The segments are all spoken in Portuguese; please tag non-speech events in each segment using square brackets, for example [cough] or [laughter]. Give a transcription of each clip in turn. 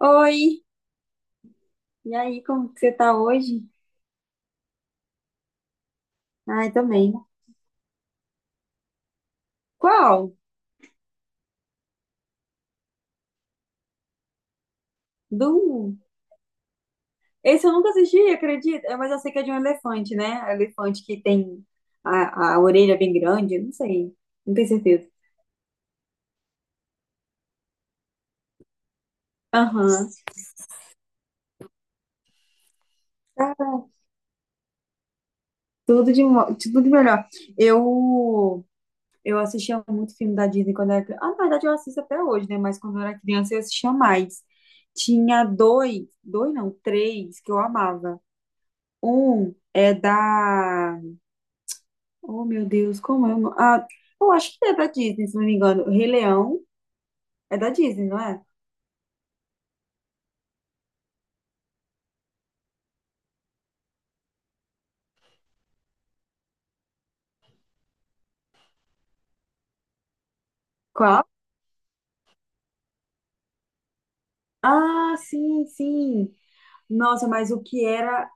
Oi, e aí, como que você tá hoje? Ai, também. Qual? Do... um? Esse eu nunca assisti, acredita? É, mas eu sei que é de um elefante, né? É um elefante que tem a orelha bem grande, não sei, não tenho certeza. Aham. Cara, tudo de, tudo de melhor. Eu, assistia muito filme da Disney quando era criança. Ah, na verdade, eu assisto até hoje, né? Mas quando eu era criança, eu assistia mais. Tinha dois, dois não, três que eu amava. Um é da... Oh, meu Deus, como é o nome? Eu acho que é da Disney, se não me engano. O Rei Leão é da Disney, não é? Qual? Ah, sim, sim. Nossa, mas o que era,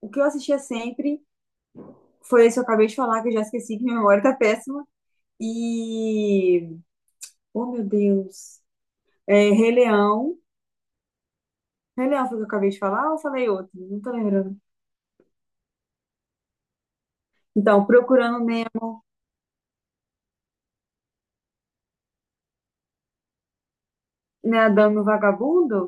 o que eu assistia sempre foi esse que eu acabei de falar, que eu já esqueci, que minha memória tá péssima. E, oh, meu Deus. É, Rei Leão. Rei Leão foi o que eu acabei de falar ou eu falei outro? Não tô lembrando. Então, Procurando Nemo, no Vagabundo?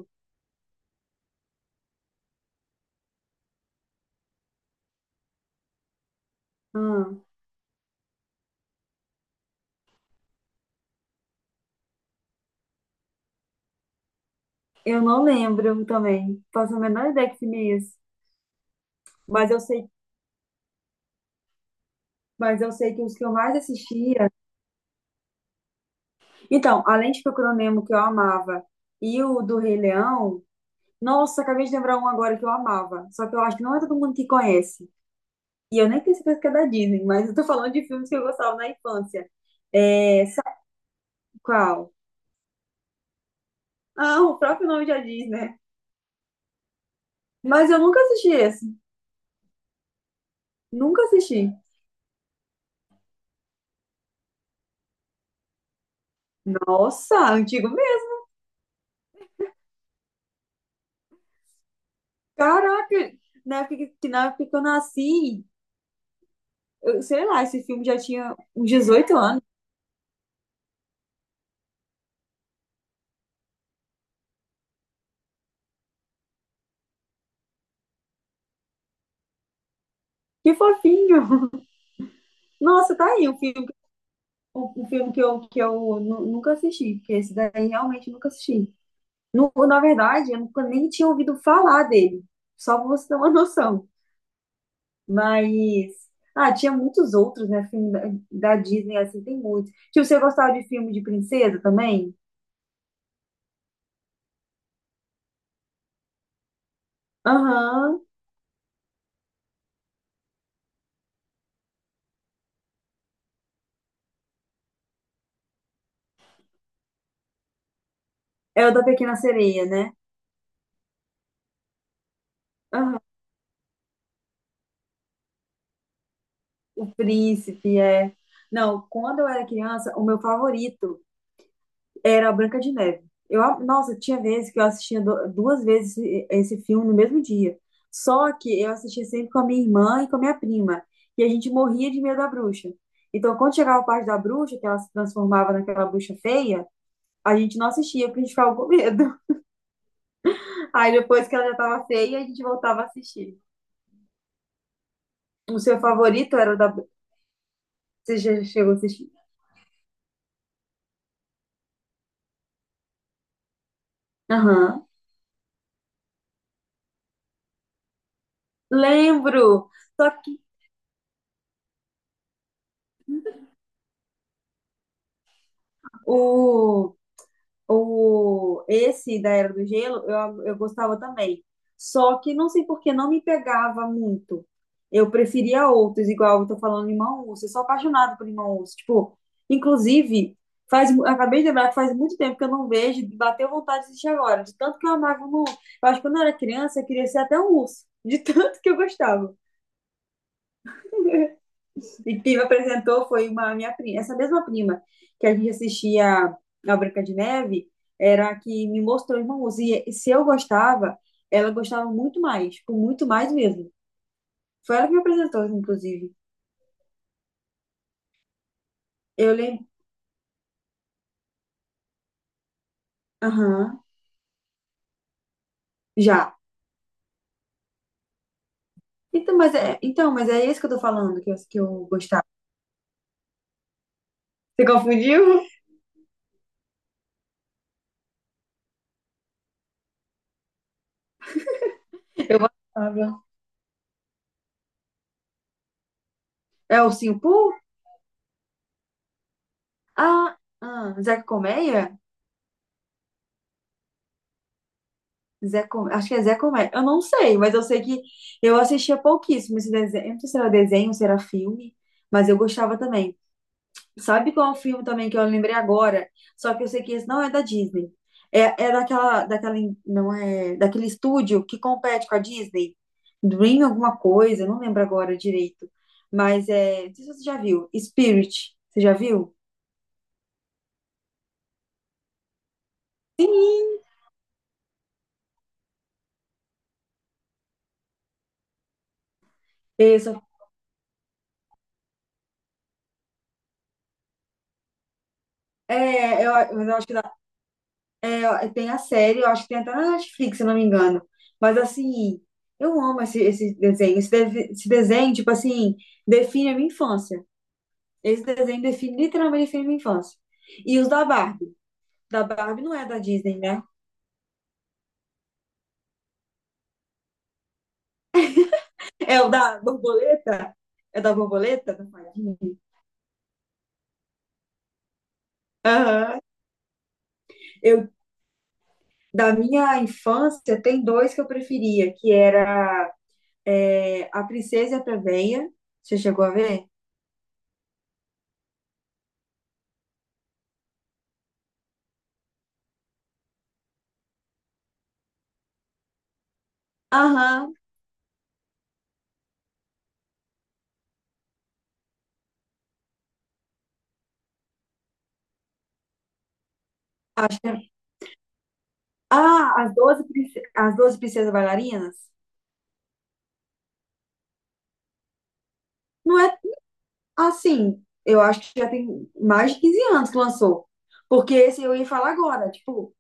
Hum, eu não lembro também. Faço a menor ideia que filme é esse. Mas eu sei Mas eu sei que os que eu mais assistia. Então, além de Procurando Nemo, que eu amava, e o do Rei Leão. Nossa, acabei de lembrar um agora que eu amava. Só que eu acho que não é todo mundo que conhece. E eu nem tenho certeza que é da Disney, mas eu tô falando de filmes que eu gostava na infância. É. Qual? Ah, o próprio nome já diz, né? Mas eu nunca assisti esse. Nunca assisti. Nossa, antigo mesmo. Caraca, na época que na época que eu nasci, eu, sei lá, esse filme já tinha uns 18 anos. Que fofinho. Nossa, tá aí um filme, o filme que eu, nunca assisti, porque esse daí realmente nunca assisti. Na verdade, eu nunca nem tinha ouvido falar dele, só pra você ter uma [laughs] noção. Mas, ah, tinha muitos outros, né? Filme da, da Disney, assim, tem muitos. Tipo, você gostava de filme de princesa também? Aham, é o da Pequena Sereia, né? Aham. O Príncipe, é. Não, quando eu era criança, o meu favorito. Era a Branca de Neve. Eu, nossa, tinha vezes que eu assistia duas vezes esse, filme no mesmo dia. Só que eu assistia sempre com a minha irmã e com a minha prima. E a gente morria de medo da bruxa. Então, quando chegava a parte da bruxa, que ela se transformava naquela bruxa feia, a gente não assistia porque a gente ficava com medo. [laughs] Aí depois que ela já estava feia, a gente voltava a assistir. O seu favorito era o da. Você já chegou a assistir? Aham. Lembro! Só que o. O, esse da Era do Gelo, eu, gostava também. Só que não sei por que não me pegava muito. Eu preferia outros, igual eu tô falando, Irmão Urso. Eu sou apaixonada por Irmão Urso. Tipo, inclusive, faz, acabei de lembrar que faz muito tempo que eu não vejo, e bateu vontade de assistir agora. De tanto que eu amava o Irmão Urso. Eu acho que quando eu era criança, eu queria ser até um urso. De tanto que eu gostava. E quem me apresentou foi uma minha prima, essa mesma prima que a gente assistia a Branca de Neve, era a que me mostrou Irmãos. E se eu gostava, ela gostava muito mais, tipo, muito mais mesmo. Foi ela que me apresentou, inclusive. Eu lembro. Aham, já. Então, mas é esse que eu tô falando, que eu, gostava. Você confundiu? Eu gostava. É o Ursinho Pooh? Ah, ah, Zeca Colmeia? Zé Com... Acho que é Zé Comé. Eu não sei, mas eu sei que eu assistia pouquíssimo esse desenho. Eu não sei se era desenho, se era filme, mas eu gostava também. Sabe qual é o filme também que eu lembrei agora? Só que eu sei que esse não é da Disney. É, é não é, daquele estúdio que compete com a Disney. Dream alguma coisa, não lembro agora direito. Mas é, não sei se você já viu. Spirit, você já viu? Isso. É, eu, mas eu acho que... É, tem a série, eu acho que tem até na Netflix, se eu não me engano. Mas assim, eu amo esse, desenho. Esse, esse desenho, tipo assim, define a minha infância. Esse desenho define, literalmente define a minha infância. E os da Barbie. Da Barbie não é da Disney, né? É o da borboleta? É da borboleta? Da fadinha? Aham. Eu, da minha infância, tem dois que eu preferia, que era é, A Princesa e a Plebeia. Você chegou a ver? Aham. Ah, as 12 as 12 princesas bailarinas? Não é assim. Eu acho que já tem mais de 15 anos que lançou. Porque esse eu ia falar agora. Tipo,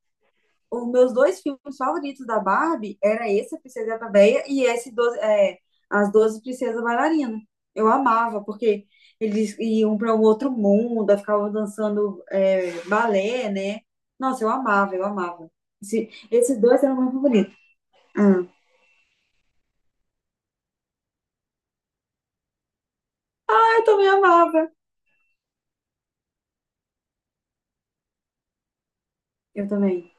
os meus dois filmes favoritos da Barbie era esse, A Princesa Véia, e esse 12 é, As Doze Princesas Bailarinas. Eu amava, porque eles iam para um outro mundo, ficavam dançando é, balé, né? Nossa, eu amava, eu amava. Esses dois eram meus favoritos. Ah, eu também amava. Eu também.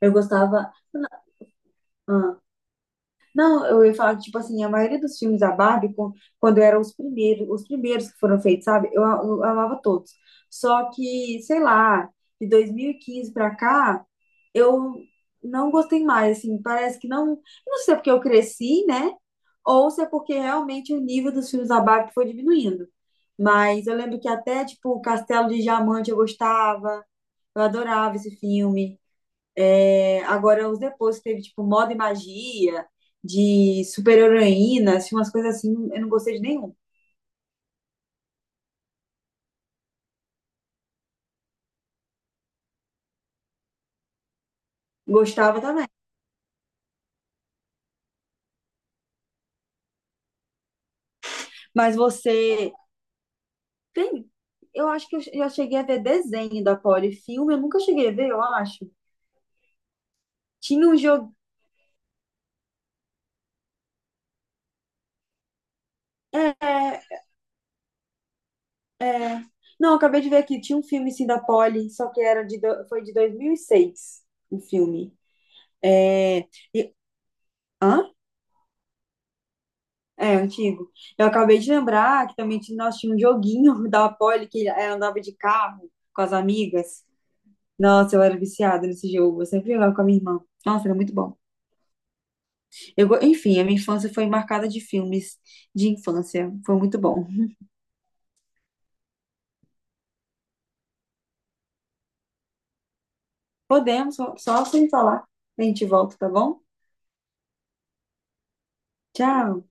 Eu gostava. Ah, não, eu ia falar que, tipo assim, a maioria dos filmes da Barbie, quando eram os primeiros que foram feitos, sabe? Eu, eu amava todos. Só que, sei lá, de 2015 pra cá, eu não gostei mais, assim, parece que não. Não sei se é porque eu cresci, né? Ou se é porque realmente o nível dos filmes da Barbie foi diminuindo. Mas eu lembro que até, tipo, Castelo de Diamante eu gostava, eu adorava esse filme. É, agora, os depois teve, tipo, Moda e Magia, de super-heroína, assim, umas coisas assim, eu não gostei de nenhum. Gostava também. Mas você tem. Eu acho que eu já cheguei a ver desenho da Polly. Filme, eu nunca cheguei a ver, eu acho. Tinha um jogo. É, não, eu acabei de ver aqui. Tinha um filme sim da Polly, só que era de... foi de 2006 o filme. É... E... Hã? É, antigo. Eu acabei de lembrar que também tinha- nós tínhamos um joguinho [laughs] da Polly que ela andava de carro com as amigas. Nossa, eu era viciada nesse jogo. Eu sempre jogava com a minha irmã. Nossa, era muito bom. Eu, enfim, a minha infância foi marcada de filmes de infância. Foi muito bom. Podemos, só, só sem falar. A gente volta, tá bom? Tchau.